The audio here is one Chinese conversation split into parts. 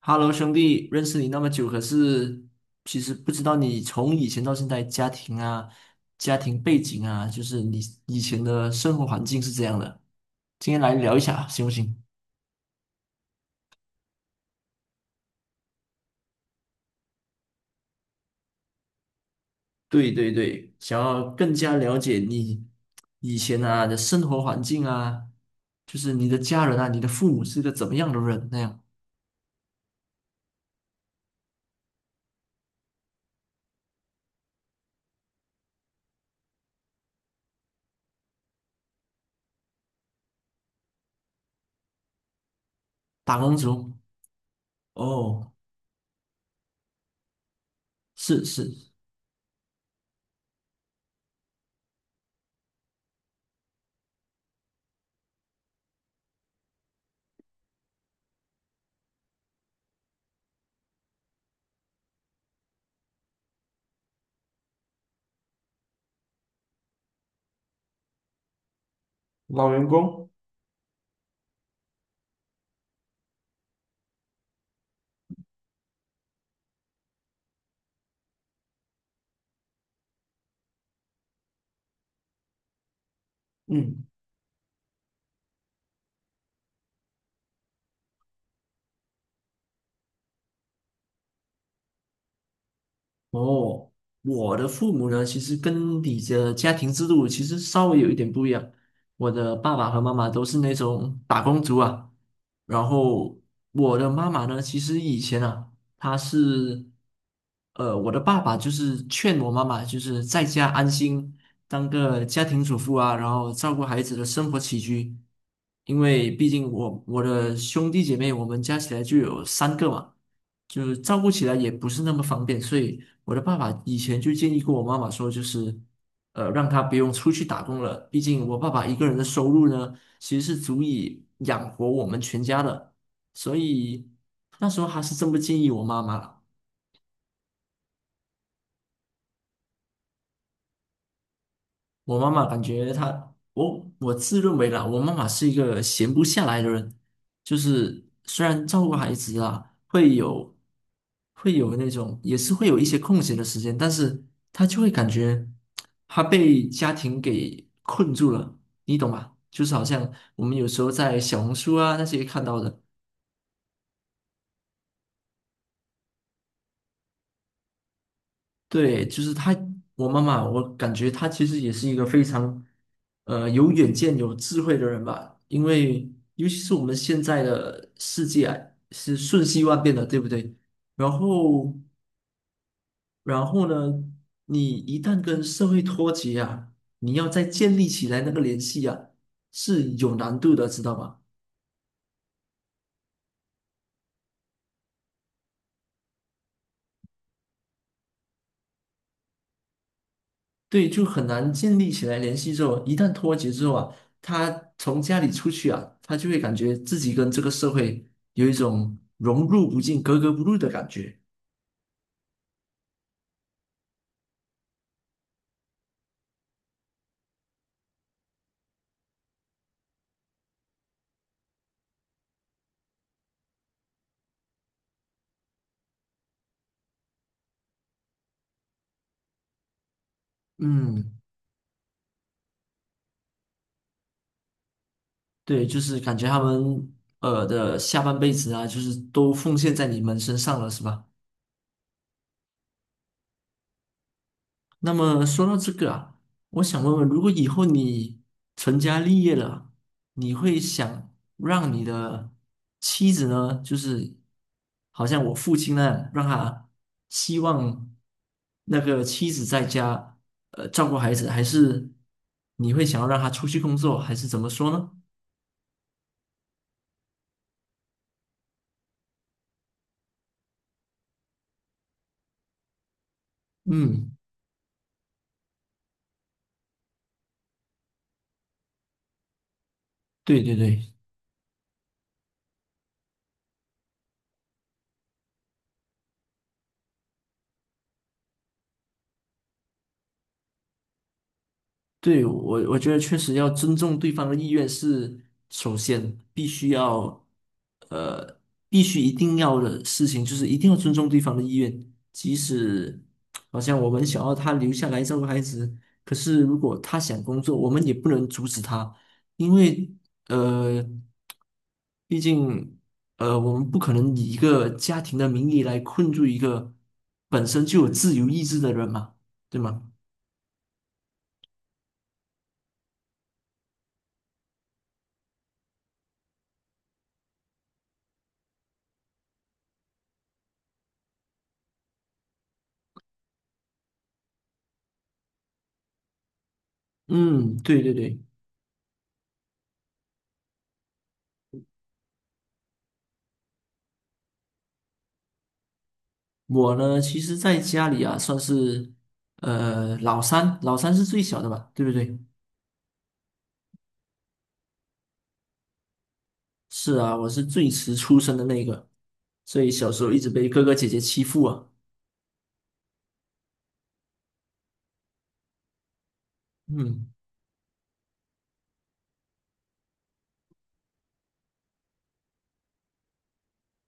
Hello，兄弟，认识你那么久，可是其实不知道你从以前到现在家庭啊、家庭背景啊，就是你以前的生活环境是这样的。今天来聊一下，行不行？对对对，想要更加了解你以前啊的生活环境啊，就是你的家人啊，你的父母是个怎么样的人那样？打工族。哦，是是。老员工。嗯。哦，我的父母呢，其实跟你的家庭制度其实稍微有一点不一样。我的爸爸和妈妈都是那种打工族啊，然后我的妈妈呢，其实以前啊，她是，我的爸爸就是劝我妈妈，就是在家安心当个家庭主妇啊，然后照顾孩子的生活起居，因为毕竟我的兄弟姐妹，我们加起来就有三个嘛。就是照顾起来也不是那么方便，所以我的爸爸以前就建议过我妈妈说，就是让她不用出去打工了，毕竟我爸爸一个人的收入呢，其实是足以养活我们全家的，所以那时候还是这么建议我妈妈了。我妈妈感觉她，我自认为啦，我妈妈是一个闲不下来的人，就是虽然照顾孩子啊，会有那种，也是会有一些空闲的时间，但是她就会感觉她被家庭给困住了，你懂吗？就是好像我们有时候在小红书啊那些看到的。对，就是他，我妈妈，我感觉她其实也是一个非常，有远见、有智慧的人吧。因为尤其是我们现在的世界啊，是瞬息万变的，对不对？然后，然后呢，你一旦跟社会脱节啊，你要再建立起来那个联系啊，是有难度的，知道吗？对，就很难建立起来联系之后，一旦脱节之后啊，他从家里出去啊，他就会感觉自己跟这个社会有一种融入不进、格格不入的感觉。嗯。对，就是感觉他们的下半辈子啊，就是都奉献在你们身上了，是吧？那么说到这个啊，我想问问，如果以后你成家立业了，你会想让你的妻子呢，就是好像我父亲那样，让他希望那个妻子在家照顾孩子，还是你会想要让他出去工作，还是怎么说呢？嗯，对对对。对，我觉得确实要尊重对方的意愿是首先必须要，呃，必须一定要的事情就是一定要尊重对方的意愿，即使好像我们想要他留下来照顾孩子，可是如果他想工作，我们也不能阻止他，因为呃，毕竟我们不可能以一个家庭的名义来困住一个本身就有自由意志的人嘛，对吗？嗯，对对对。我呢，其实在家里啊，算是老三，老三是最小的吧，对不对？是啊，我是最迟出生的那个，所以小时候一直被哥哥姐姐欺负啊。嗯。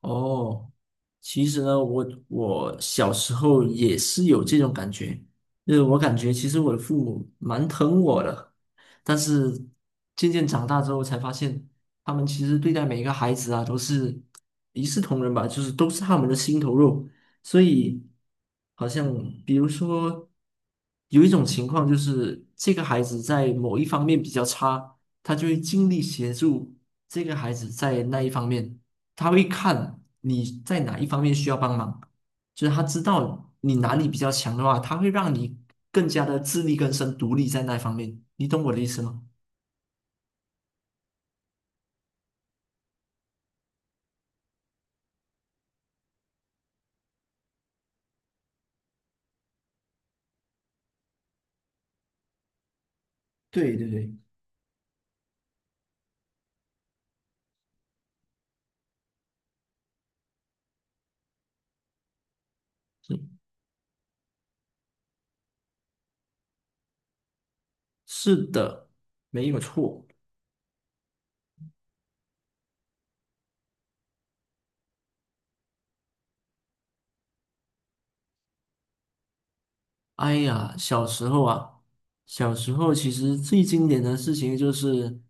哦，其实呢，我小时候也是有这种感觉，就是我感觉其实我的父母蛮疼我的，但是渐渐长大之后才发现，他们其实对待每一个孩子啊都是一视同仁吧，就是都是他们的心头肉，所以好像比如说有一种情况就是这个孩子在某一方面比较差，他就会尽力协助这个孩子在那一方面。他会看你在哪一方面需要帮忙，就是他知道你哪里比较强的话，他会让你更加的自力更生、独立在那方面。你懂我的意思吗？对对对，是的，没有错。哎呀，小时候啊，小时候其实最经典的事情就是。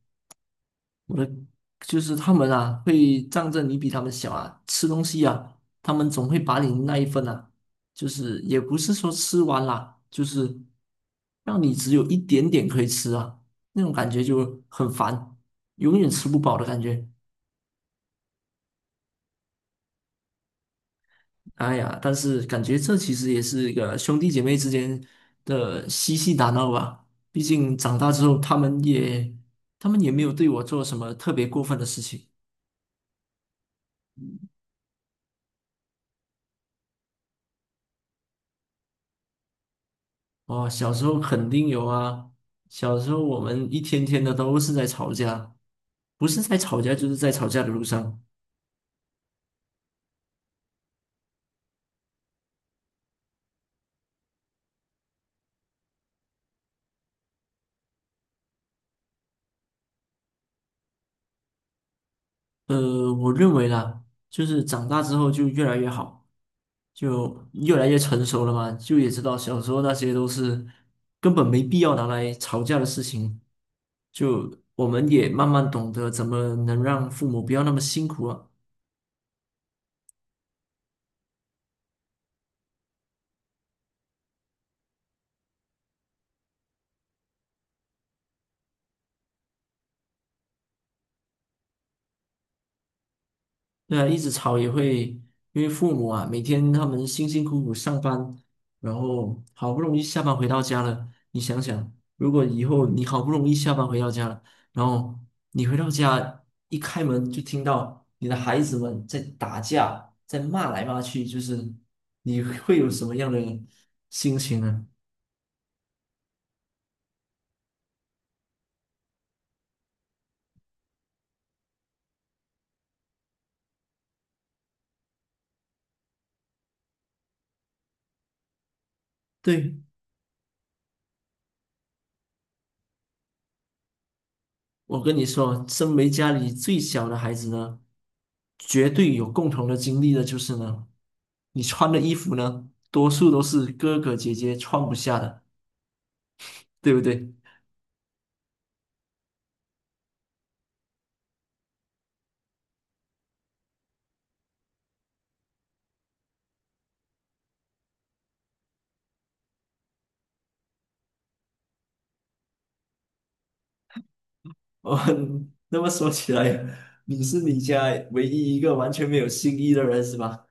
就是他们啊，会仗着你比他们小啊，吃东西啊，他们总会把你那一份啊，就是也不是说吃完啦，就是让你只有一点点可以吃啊，那种感觉就很烦，永远吃不饱的感觉。哎呀，但是感觉这其实也是一个兄弟姐妹之间的嬉戏打闹吧。毕竟长大之后，他们也没有对我做什么特别过分的事情。哦，小时候肯定有啊。小时候我们一天天的都是在吵架，不是在吵架就是在吵架的路上。我认为啦，就是长大之后就越来越好，就越来越成熟了嘛，就也知道小时候那些都是根本没必要拿来吵架的事情。就我们也慢慢懂得怎么能让父母不要那么辛苦啊。对啊，一直吵也会，因为父母啊，每天他们辛辛苦苦上班，然后好不容易下班回到家了，你想想，如果以后你好不容易下班回到家了，然后你回到家一开门就听到你的孩子们在打架，在骂来骂去，就是你会有什么样的心情呢？对，我跟你说，身为家里最小的孩子呢，绝对有共同的经历的就是呢，你穿的衣服呢，多数都是哥哥姐姐穿不下的，对不对？哦，那么说起来，你是你家唯一一个完全没有新衣的人是吧？